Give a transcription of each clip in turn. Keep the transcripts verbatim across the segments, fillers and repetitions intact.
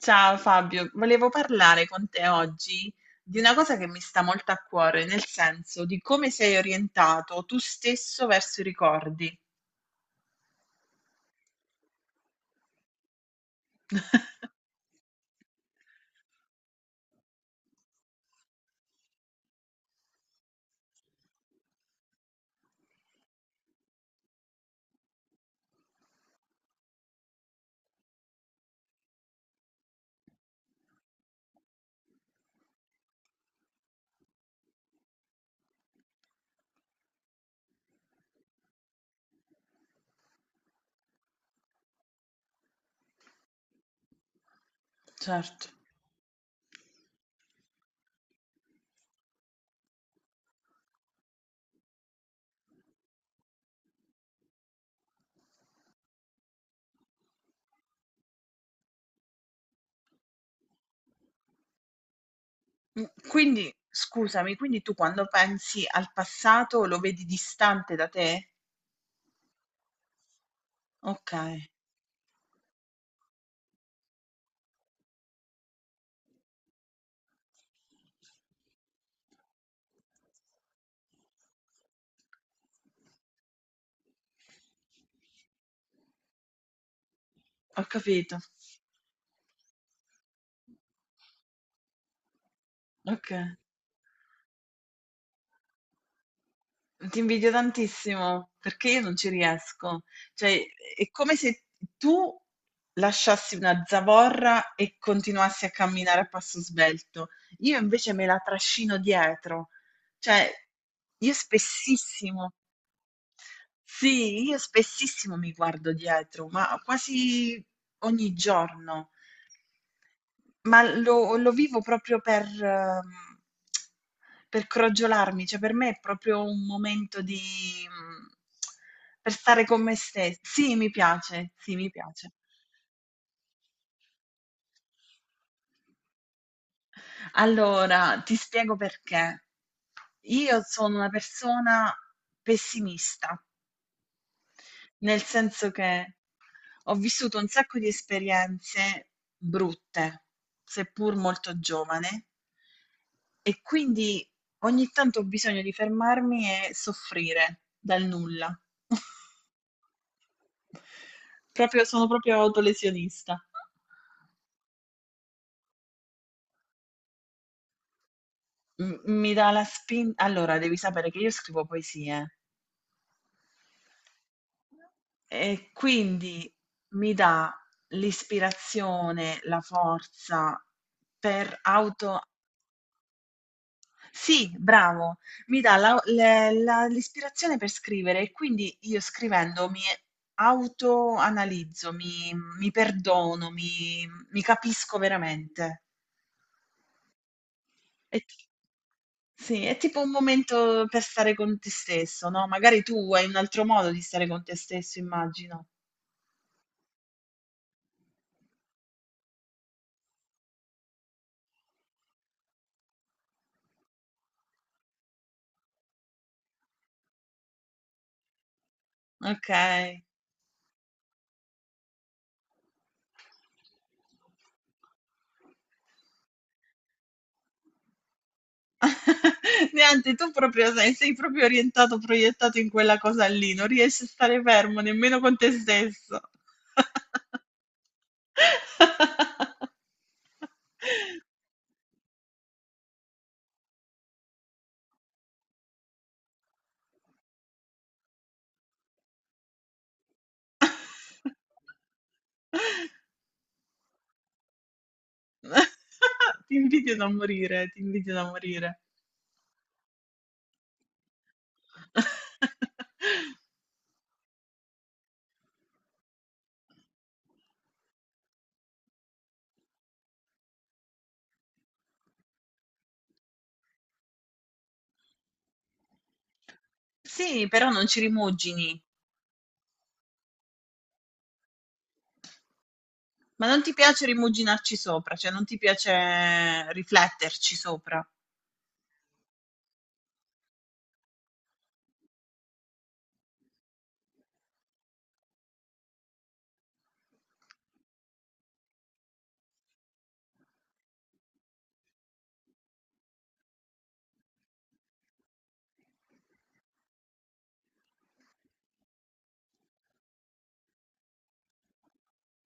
Ciao Fabio, volevo parlare con te oggi di una cosa che mi sta molto a cuore, nel senso di come sei orientato tu stesso verso i ricordi. Certo. Mm, quindi, scusami, quindi tu quando pensi al passato lo vedi distante da te? Ok, ho capito. Ok. Ti invidio tantissimo perché io non ci riesco. Cioè, è come se tu lasciassi una zavorra e continuassi a camminare a passo svelto. Io invece me la trascino dietro. Cioè, io spessissimo, sì, io spessissimo mi guardo dietro, ma quasi ogni giorno. Ma lo lo vivo proprio per mhmm, per crogiolarmi, cioè per me è proprio un momento di mhmm, per stare con me stes sì, mi piace, sì, mi piace. Allora, ti spiego perché. Io sono una persona pessimista, nel senso che ho vissuto un sacco di esperienze brutte, seppur molto giovane. E quindi ogni tanto ho bisogno di fermarmi e soffrire dal nulla. Proprio, sono proprio autolesionista. M- mi dà la spinta. Allora, devi sapere che io scrivo poesie e quindi mi dà l'ispirazione, la forza per auto Sì, bravo, mi dà la- le- la- l'ispirazione per scrivere e quindi io scrivendo mi autoanalizzo, mi, mi perdono, mi, mi capisco veramente. È, t- sì, è tipo un momento per stare con te stesso, no? Magari tu hai un altro modo di stare con te stesso, immagino. Ok. Niente, tu proprio sei, sei proprio orientato, proiettato in quella cosa lì, non riesci a stare fermo nemmeno con te stesso. Ti invidio da morire, ti invidio da morire. Sì, però non ci rimugini, ma non ti piace rimuginarci sopra, cioè non ti piace rifletterci sopra.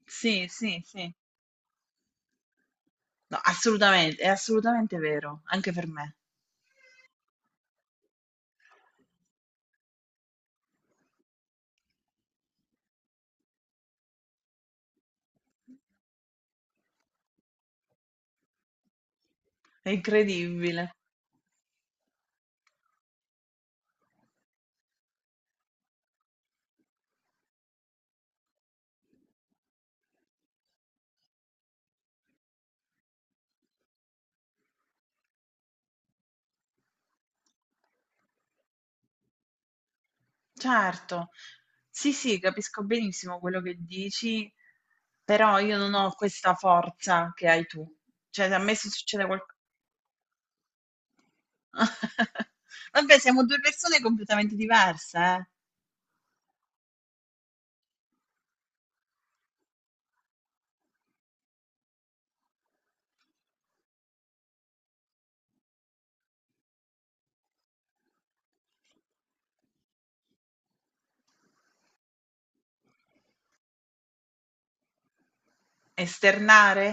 Sì, sì, sì. No, assolutamente, è assolutamente vero, anche per me. È incredibile. Certo. Sì, sì, capisco benissimo quello che dici, però io non ho questa forza che hai tu. Cioè, se a me se succede qualcosa... Vabbè, siamo due persone completamente diverse, eh? Esternare?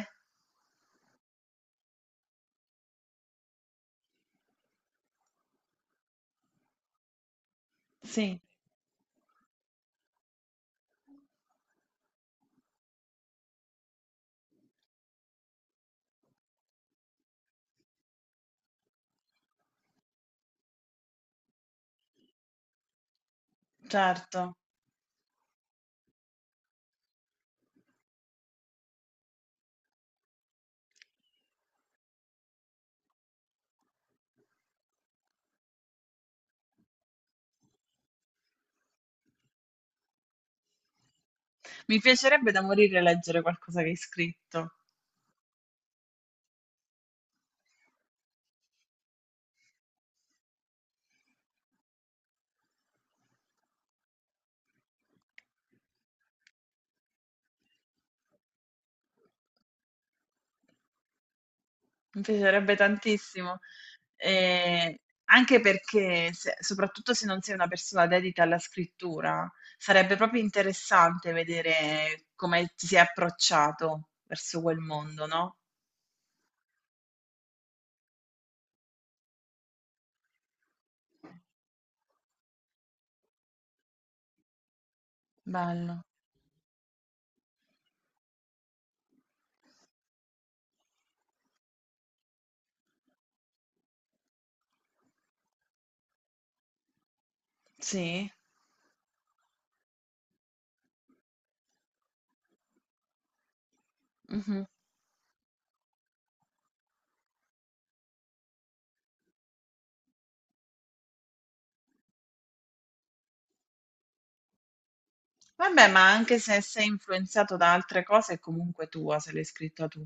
Sì, certo. Mi piacerebbe da morire leggere qualcosa che hai scritto. Mi piacerebbe tantissimo, ehm, anche perché se soprattutto se non sei una persona dedita alla scrittura, sarebbe proprio interessante vedere come ti sei approcciato verso quel mondo, no. Bello. Sì? Mh-mh. Vabbè, ma anche se sei influenzato da altre cose è comunque tua, se l'hai scritta tu.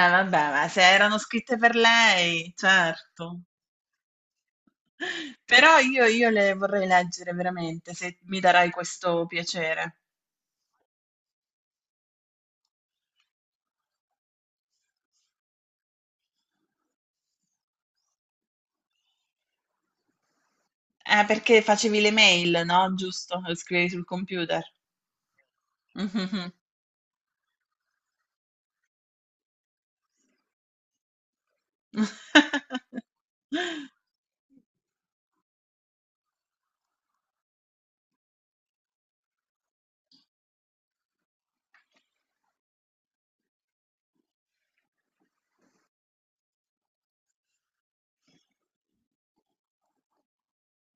Eh vabbè, ma se erano scritte per lei, certo. Però io, io le vorrei leggere veramente, se mi darai questo piacere. Eh, perché facevi le mail, no? Giusto? Le scrivevi sul computer. Mhm.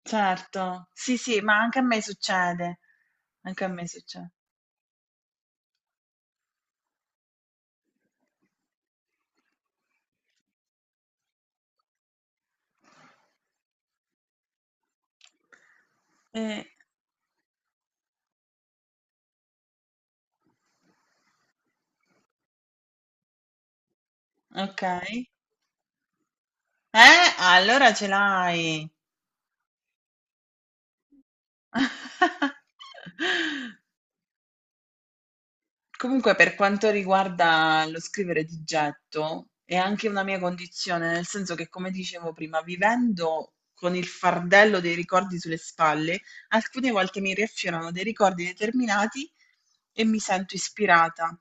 Certo, sì, sì, ma anche a me succede. Anche a me succede. Eh, ok. Eh, allora ce l'hai. Comunque, per quanto riguarda lo scrivere di getto, è anche una mia condizione, nel senso che, come dicevo prima, vivendo con il fardello dei ricordi sulle spalle, alcune volte mi riaffiorano dei ricordi determinati e mi sento ispirata.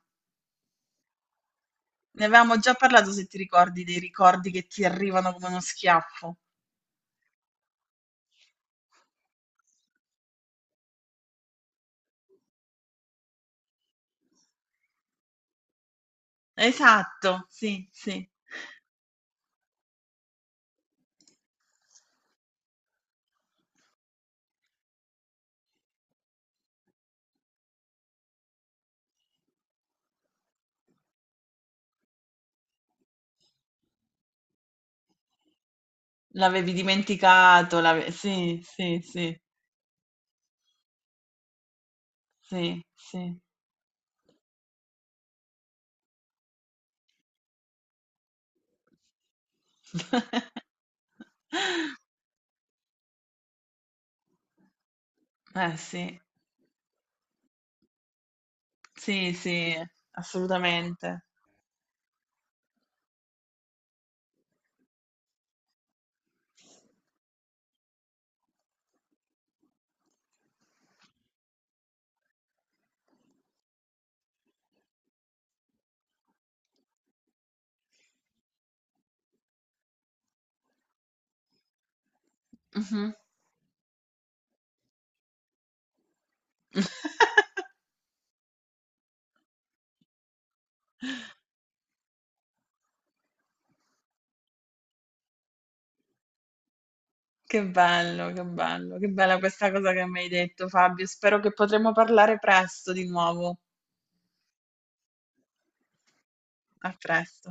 Ne avevamo già parlato, se ti ricordi, dei ricordi che ti arrivano come uno schiaffo. Esatto, sì, sì. L'avevi dimenticato, l'ave- sì, sì, sì, sì, sì. Eh sì, sì, sì, assolutamente. Mhm. Che bello, che bello, che bella questa cosa che mi hai detto, Fabio. Spero che potremo parlare presto di nuovo. A presto.